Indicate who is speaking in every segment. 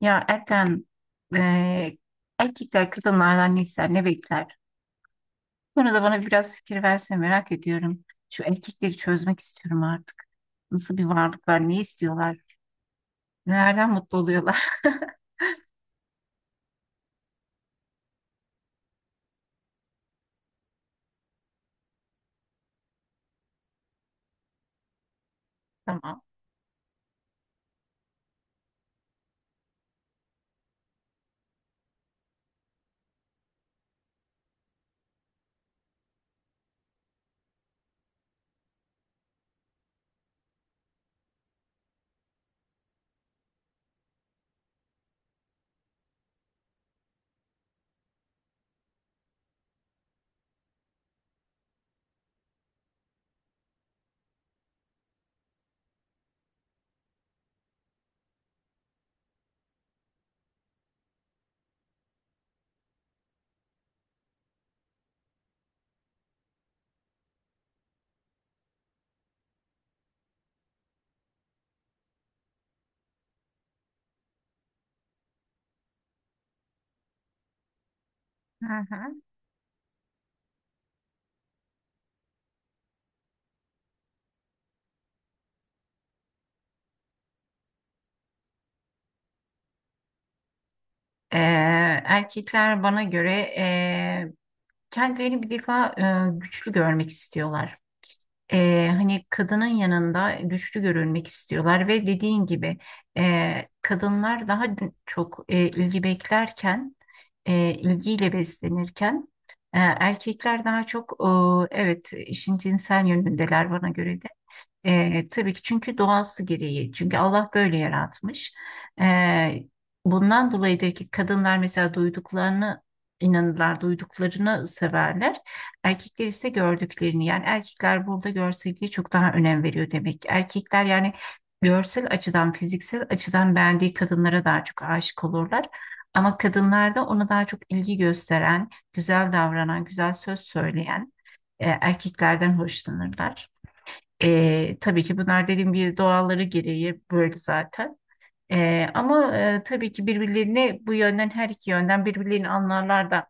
Speaker 1: Ya Erkan, eee, erkekler kadınlardan ne ister, ne bekler? Sonra da bana biraz fikir verse merak ediyorum. Şu erkekleri çözmek istiyorum artık. Nasıl bir varlıklar, ne istiyorlar, nelerden mutlu oluyorlar? Tamam. Hı hı. Eee, Erkekler bana göre e, kendilerini bir defa güçlü görmek istiyorlar. Hani kadının yanında güçlü görülmek istiyorlar ve dediğin gibi kadınlar daha çok ilgi beklerken, ilgiyle beslenirken erkekler daha çok evet işin cinsel yönündeler bana göre de. Tabii ki çünkü doğası gereği. Çünkü Allah böyle yaratmış. E, Bundan dolayıdır ki kadınlar mesela duyduklarını inanırlar, duyduklarını severler. Erkekler ise gördüklerini. Yani erkekler burada görselliğe çok daha önem veriyor demek ki. Erkekler yani görsel açıdan, fiziksel açıdan beğendiği kadınlara daha çok aşık olurlar. Ama kadınlarda ona daha çok ilgi gösteren, güzel davranan, güzel söz söyleyen erkeklerden hoşlanırlar. Tabii ki bunlar dediğim gibi doğalları gereği böyle zaten. Tabii ki birbirlerini bu yönden her iki yönden birbirlerini anlarlar da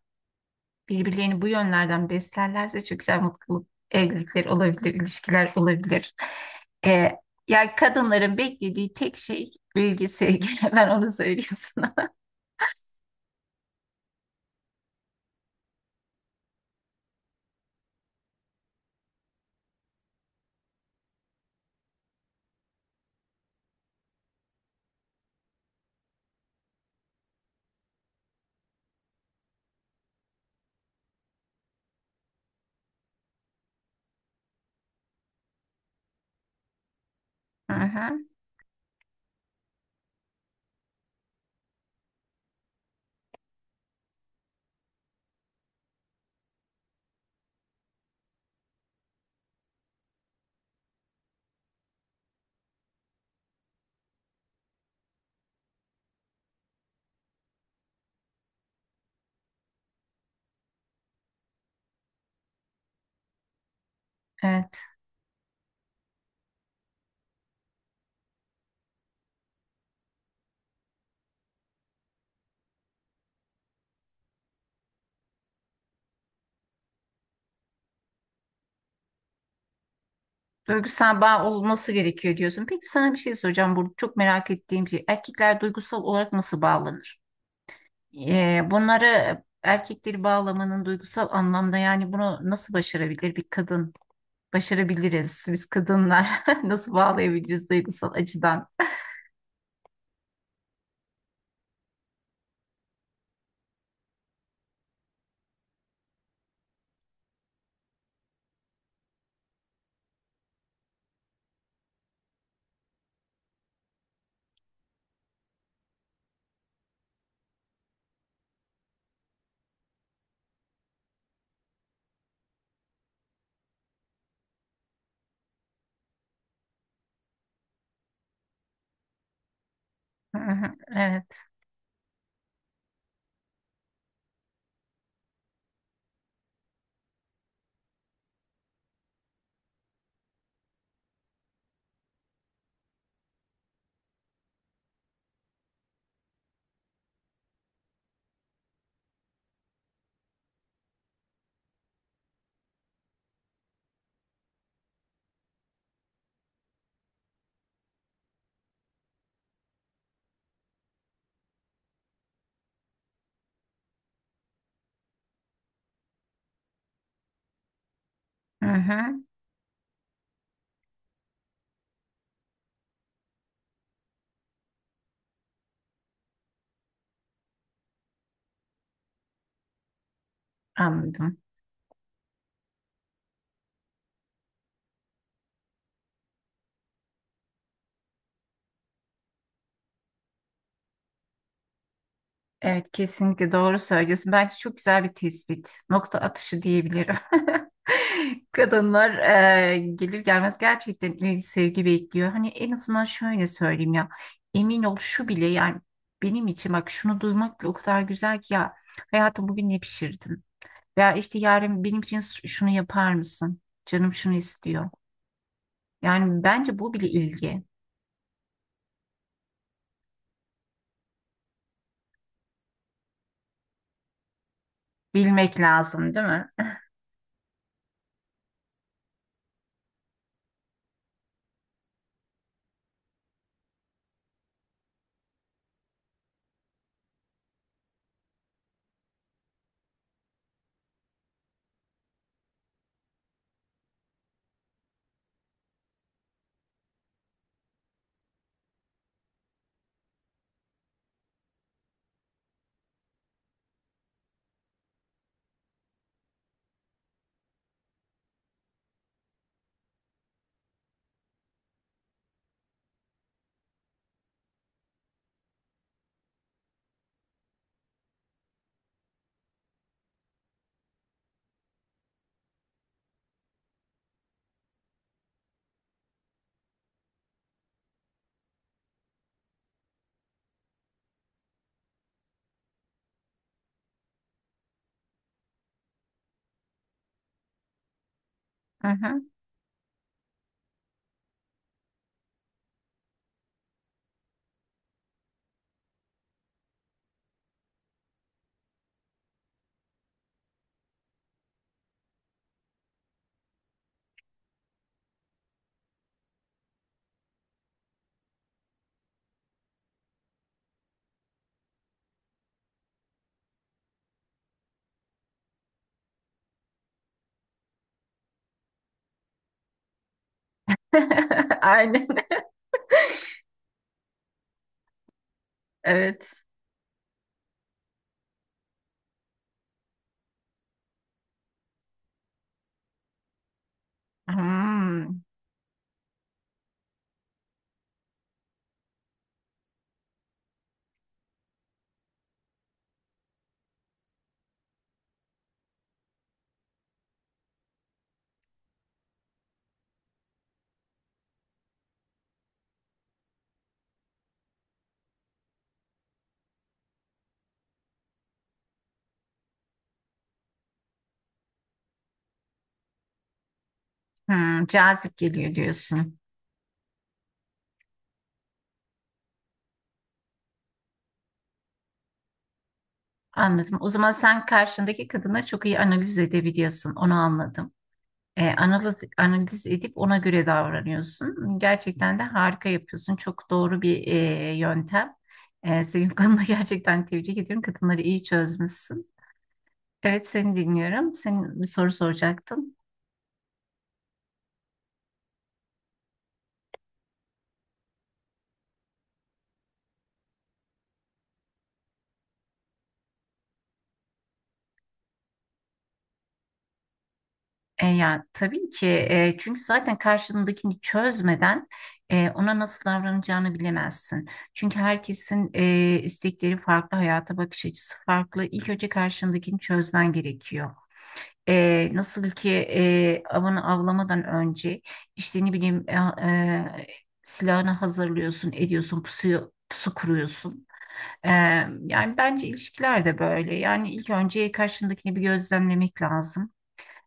Speaker 1: birbirlerini bu yönlerden beslerlerse çok güzel mutluluk evlilikler olabilir, ilişkiler olabilir. Ee, Yani kadınların beklediği tek şey ilgi, sevgi. Ben onu söylüyorum sana. Hı hı, evet. Duygusal bağ olması gerekiyor diyorsun. Peki sana bir şey soracağım. Burada çok merak ettiğim şey. Erkekler duygusal olarak nasıl bağlanır? Bunları erkekleri bağlamanın duygusal anlamda yani bunu nasıl başarabilir bir kadın? Başarabiliriz. Biz kadınlar nasıl bağlayabiliriz duygusal açıdan? Hı hı, evet. Hı hı, anladım. Evet kesinlikle doğru söylüyorsun. Bence çok güzel bir tespit. Nokta atışı diyebilirim. Kadınlar gelir gelmez gerçekten ilgi sevgi bekliyor. Hani en azından şöyle söyleyeyim ya. Emin ol şu bile yani benim için bak şunu duymak bile o kadar güzel ki ya, hayatım bugün ne pişirdin? Veya işte yarın benim için şunu yapar mısın? Canım şunu istiyor. Yani bence bu bile ilgi. Bilmek lazım değil mi? Hı hı. Aynen. Evet. Hmm. Hmm, cazip geliyor diyorsun. Anladım. O zaman sen karşındaki kadını çok iyi analiz edebiliyorsun. Onu anladım. Analiz edip ona göre davranıyorsun. Gerçekten de harika yapıyorsun. Çok doğru bir yöntem. Senin konuda gerçekten tebrik ediyorum. Kadınları iyi çözmüşsün. Evet seni dinliyorum. Senin bir soru soracaktın. Ya tabii ki çünkü zaten karşındakini çözmeden ona nasıl davranacağını bilemezsin. Çünkü herkesin istekleri farklı, hayata bakış açısı farklı. İlk önce karşındakini çözmen gerekiyor. Nasıl ki avını avlamadan önce işte ne bileyim e, silahını hazırlıyorsun, ediyorsun, pusu kuruyorsun. E, Yani bence ilişkiler de böyle. Yani ilk önce karşındakini bir gözlemlemek lazım.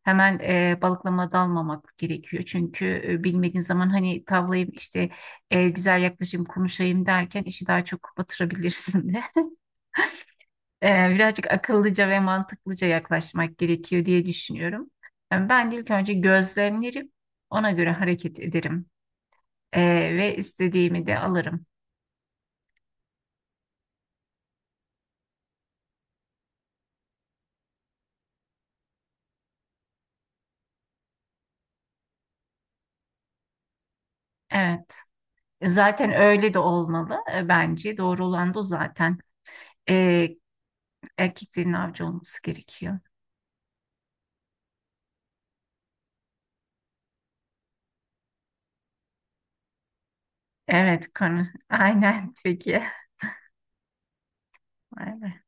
Speaker 1: Hemen balıklama dalmamak gerekiyor. Çünkü bilmediğin zaman hani tavlayayım işte güzel yaklaşayım konuşayım derken işi daha çok batırabilirsin de. Birazcık akıllıca ve mantıklıca yaklaşmak gerekiyor diye düşünüyorum. Yani ben ilk önce gözlemlerim ona göre hareket ederim. Ee, Ve istediğimi de alırım. Evet. Zaten öyle de olmalı bence. Doğru olan da o zaten. Ee, Erkeklerin avcı olması gerekiyor. Evet konu. Aynen peki. Vay be.